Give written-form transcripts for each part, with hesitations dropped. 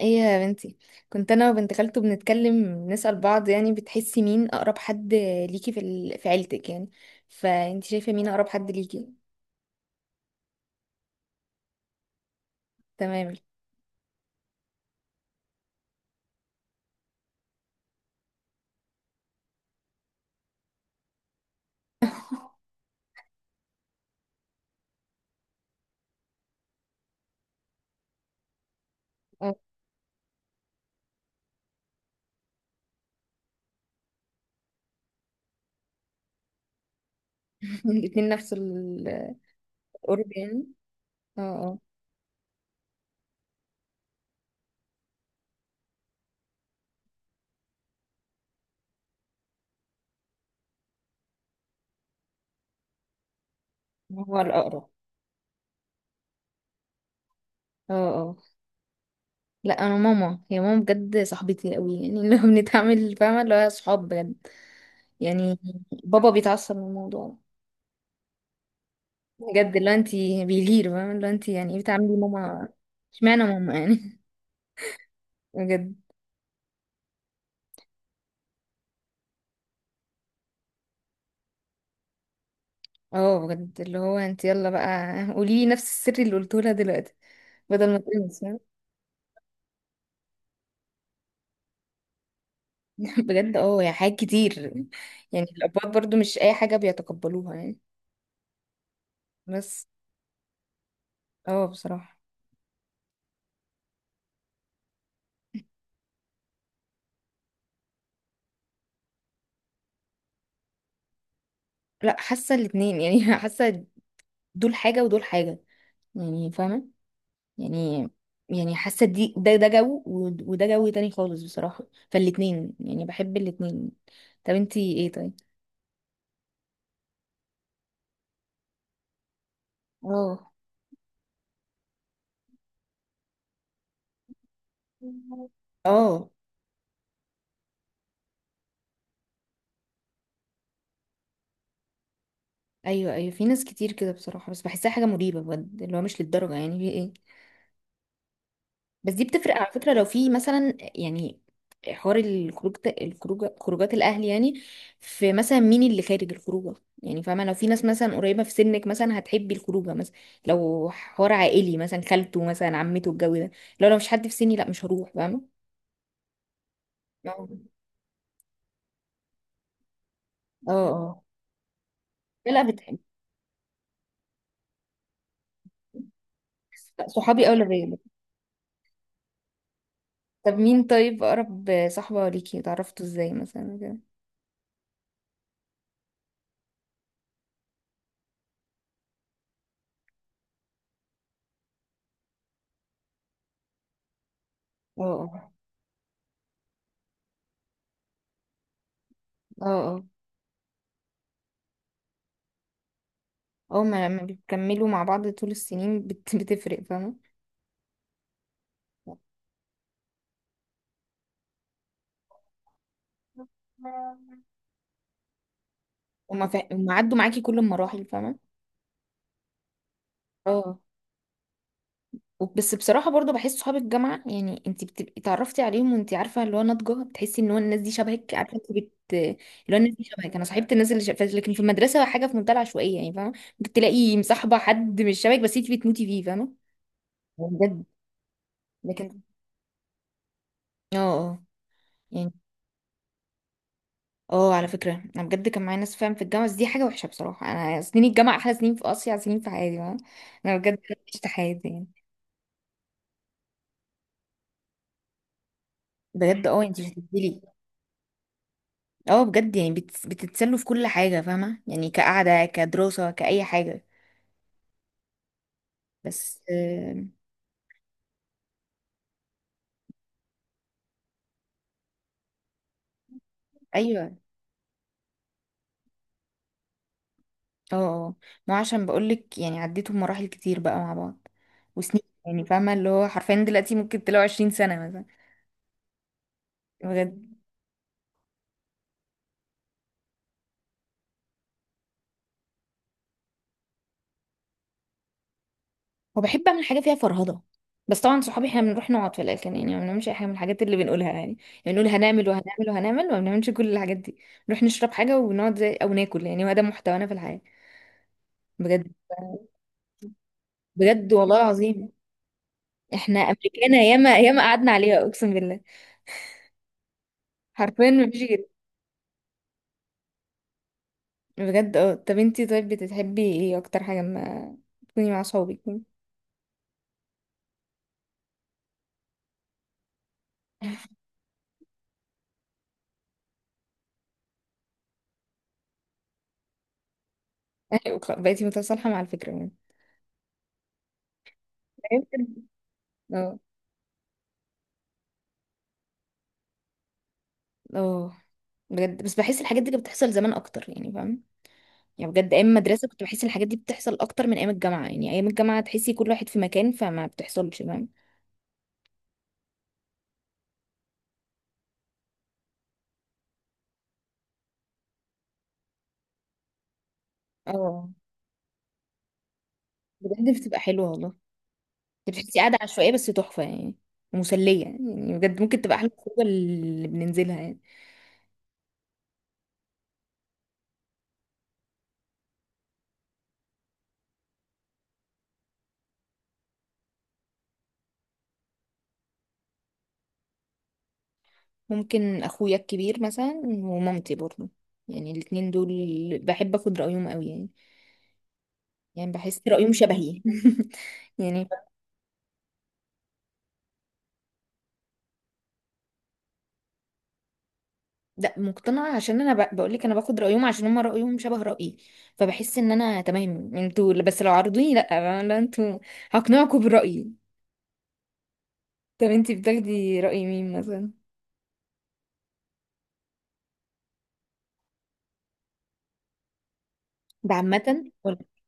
ايه يا بنتي. كنت انا وبنت خالته بنتكلم، نسأل بعض، يعني بتحسي مين اقرب حد ليكي في في عيلتك يعني؟ فانت شايفة مين اقرب حد ليكي؟ تمام. اه. الاتنين نفس القرب يعني. اه اه. هو الاقرب. اه اه. لا، انا ماما هي ماما، بجد صاحبتي قوي يعني، اللي هو بنتعامل فاهمة اللي هو صحاب بجد يعني. بابا بيتعصب من الموضوع، بجد اللي هو انت بيغير، فاهمة اللي هو انت يعني ايه بتعاملي ماما؟ اشمعنى ماما يعني؟ بجد. اه بجد اللي هو انت، يلا بقى. قولي لي نفس السر اللي قلته لها دلوقتي بدل ما تنسى. بجد اه، يا حاجات كتير يعني. الابواب برضو مش اي حاجه بيتقبلوها يعني، بس. اه بصراحه. لا حاسه الاتنين يعني، حاسه دول حاجه ودول حاجه يعني، فاهمه يعني يعني حاسه دي، ده جو، وده جو تاني خالص بصراحه. فالاتنين يعني بحب الاتنين. طب انتي ايه طيب؟ اه اه. ايوه ايوه، في ناس كتير كده بصراحه، بس بحسها حاجه مريبه بجد، اللي هو مش للدرجه يعني، في ايه. بس دي بتفرق على فكره، لو في مثلا يعني حوار الخروج، الخروج، خروجات الاهل يعني، في مثلا مين اللي خارج الخروجه يعني. فاهمه، لو في ناس مثلا قريبه في سنك مثلا هتحبي الخروجه مثلا، لو حوار عائلي مثلا، خالته مثلا، عمته، الجو ده. لو مش حد في سني، لا مش هروح فاهمه. اه اه. لا لا، بتحب. لا، صحابي اولى بيا. طب مين طيب اقرب صاحبه ليكي، اتعرفتوا ازاي مثلا كده؟ اه اه اه اه. ما لما بيكملوا مع بعض طول السنين بتفرق فاهمة. وما عدوا معاكي كل المراحل فاهمة. اه. بس بصراحة برضه بحس صحاب الجامعة، يعني انت بتبقي اتعرفتي عليهم وانت عارفة اللي هو ناضجة، بتحسي ان هو الناس دي شبهك، عارفة، انت اللي هو الناس دي شبهك، انا صاحبت الناس اللي شبهك، لكن في المدرسة حاجة في منتهى العشوائية يعني، فاهمة؟ ممكن تلاقي مصاحبة حد مش شبهك بس انت بتموتي فيه، فاهمة؟ بجد. لكن اه اه. يعني اه، على فكرة انا بجد كان معايا ناس فاهم في الجامعة، بس دي حاجة وحشة بصراحة، انا سنين الجامعة احلى سنين، في اصيع سنين في حياتي فاهمة؟ انا بجد عشت حياتي يعني. بجد اه، انت مش هتديلي. اه بجد يعني، بتتسلوا في كل حاجة فاهمة، يعني كقعدة، كدراسة، كأي حاجة. بس ايوه اه اه. ما هو عشان بقولك يعني عديتوا مراحل كتير بقى مع بعض، وسنين يعني، فاهمة اللي هو حرفيا دلوقتي ممكن تلاقوا 20 سنة مثلا. بجد. وبحب اعمل حاجه فيها فرهضه، بس طبعا صحابي احنا بنروح نقعد في الاخر يعني، ما بنعملش اي حاجه من الحاجات اللي بنقولها يعني. يعني بنقول هنعمل وهنعمل وهنعمل، وما بنعملش كل الحاجات دي. نروح نشرب حاجه ونقعد زي او ناكل، يعني هو ده محتوانا في الحياه، بجد. بجد والله العظيم، احنا امريكانا ياما ياما قعدنا عليها، اقسم بالله، حرفيا ما فيش غير. بجد اه. طب انتي طيب بتحبي ايه اكتر حاجه ما تكوني مع صحابك؟ بقيتي متصالحه مع الفكره يعني. اه اه. بجد بس بحس الحاجات دي كانت بتحصل زمان اكتر يعني، فاهم يعني؟ بجد ايام المدرسه كنت بحس الحاجات دي بتحصل اكتر من ايام الجامعه يعني، ايام الجامعه تحسي كل واحد في مكان، فما بتحصلش فاهم. اه بجد بتبقى حلوه والله. انت بتحسي قاعده عشوائيه بس تحفه يعني، ومسليه يعني، يعني بجد ممكن تبقى احلى خروجه اللي بننزلها يعني. ممكن اخويا الكبير مثلا ومامتي برضه، يعني الاتنين دول بحب اخد رايهم قوي يعني، يعني بحس رايهم شبهي. يعني لا مقتنعة، عشان انا بقول لك انا باخد رأيهم عشان هم رأيهم شبه رأيي، فبحس ان انا تمام انتوا بس لو عرضوني، لا لا انتوا، هقنعكم برأيي. طب انتي بتاخدي رأي مين مثلا؟ ده عامة ولا؟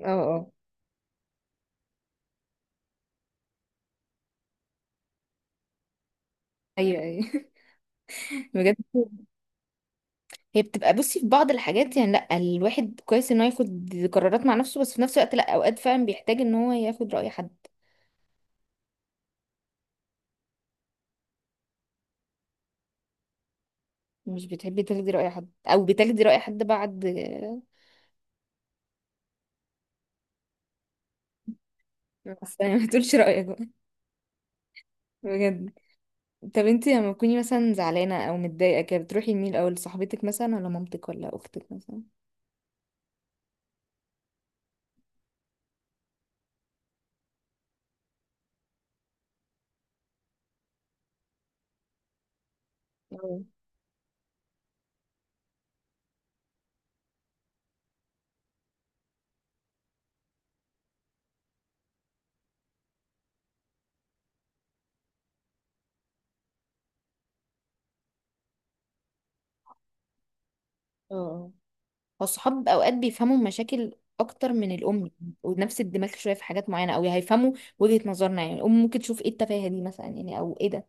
اه اه. ايوه ايوه. بجد. هي بتبقى، بصي، في بعض الحاجات يعني، لا الواحد كويس ان هو ياخد قرارات مع نفسه، بس في نفس الوقت لا، اوقات فعلا بيحتاج ان هو ياخد رأي حد. مش بتحبي تاخدي رأي حد، او بتاخدي رأي حد بعد؟ بس ما تقولش رأيك بقى. بجد. طب انتي لما تكوني مثلا زعلانة او متضايقة كده، بتروحي لمين الاول، لصاحبتك مثلا ولا مامتك ولا اختك مثلا؟ اه اه. هو الصحاب اوقات بيفهموا مشاكل اكتر من الام، ونفس الدماغ شويه في حاجات معينه، او هيفهموا وجهه نظرنا يعني، الام ممكن تشوف ايه التفاهه دي مثلا يعني، او ايه ده.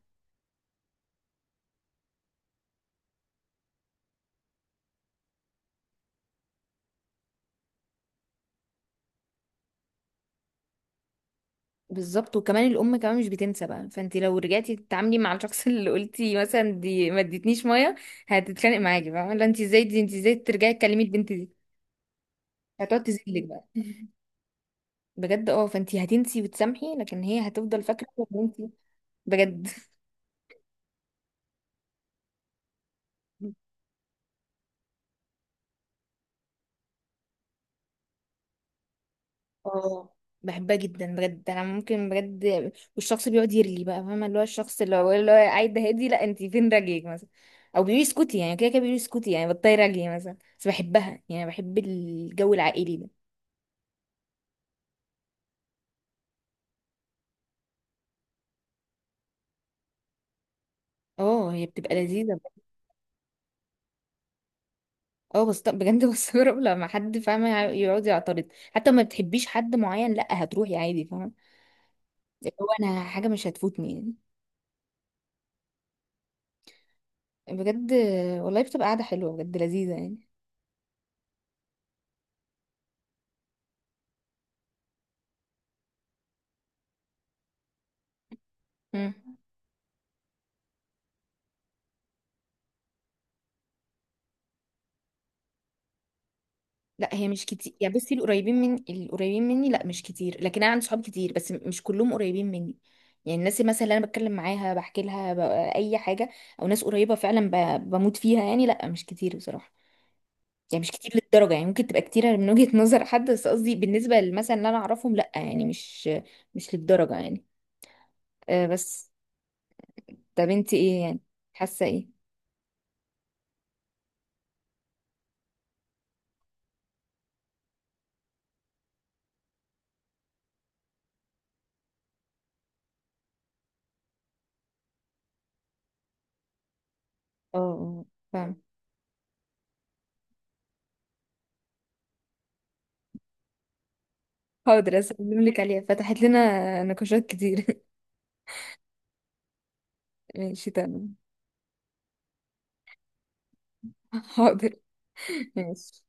بالظبط، وكمان الام كمان مش بتنسى بقى، فانت لو رجعتي تتعاملي مع الشخص اللي قلتي مثلا دي ما ادتنيش ميه، هتتخانق معاكي بقى، لا انت ازاي دي، انت ازاي ترجعي تكلمي البنت دي. هتقعد تزلك بقى. بجد اه، فانتي هتنسي وتسامحي لكن هي هتفضل فاكرة ان انتي، بجد. اه بحبها جدا بجد، انا ممكن بجد، والشخص بيقعد يرلي بقى، فاهمه اللي هو الشخص اللي هو قاعد هادي، لا انت فين راجلك مثلا، او بيقولي اسكتي يعني، كده كده بيقولي اسكتي يعني بطلي راجلي مثلا، بس بحبها، يعني بحب الجو العائلي ده. اه هي بتبقى لذيذه. اه بس طب بجد، بستغرب لما حد فاهمه يقعد يعترض، حتى ما بتحبيش حد معين لا هتروحي عادي فاهمه، اللي هو انا حاجه مش هتفوتني يعني. بجد. والله بتبقى قاعدة حلوة بجد، لذيذة يعني. مم. لا هي مش كتير يعني، بصي، القريبين من القريبين مني لا مش كتير، لكن انا عندي صحاب كتير، بس مش كلهم قريبين مني. يعني الناس مثلا اللي انا بتكلم معاها بحكي لها اي حاجة، او ناس قريبة فعلا بموت فيها يعني، لا مش كتير بصراحة، يعني مش كتير للدرجة يعني، ممكن تبقى كتيرة من وجهة نظر حد، بس قصدي بالنسبة لمثلا اللي انا اعرفهم لا، يعني مش مش للدرجة يعني. أه بس. طب انت ايه يعني، حاسة ايه؟ اه فاهمة. حاضر اسلم لك عليها، فتحت لنا نقاشات كتير. ماشي تمام. حاضر. ماشي.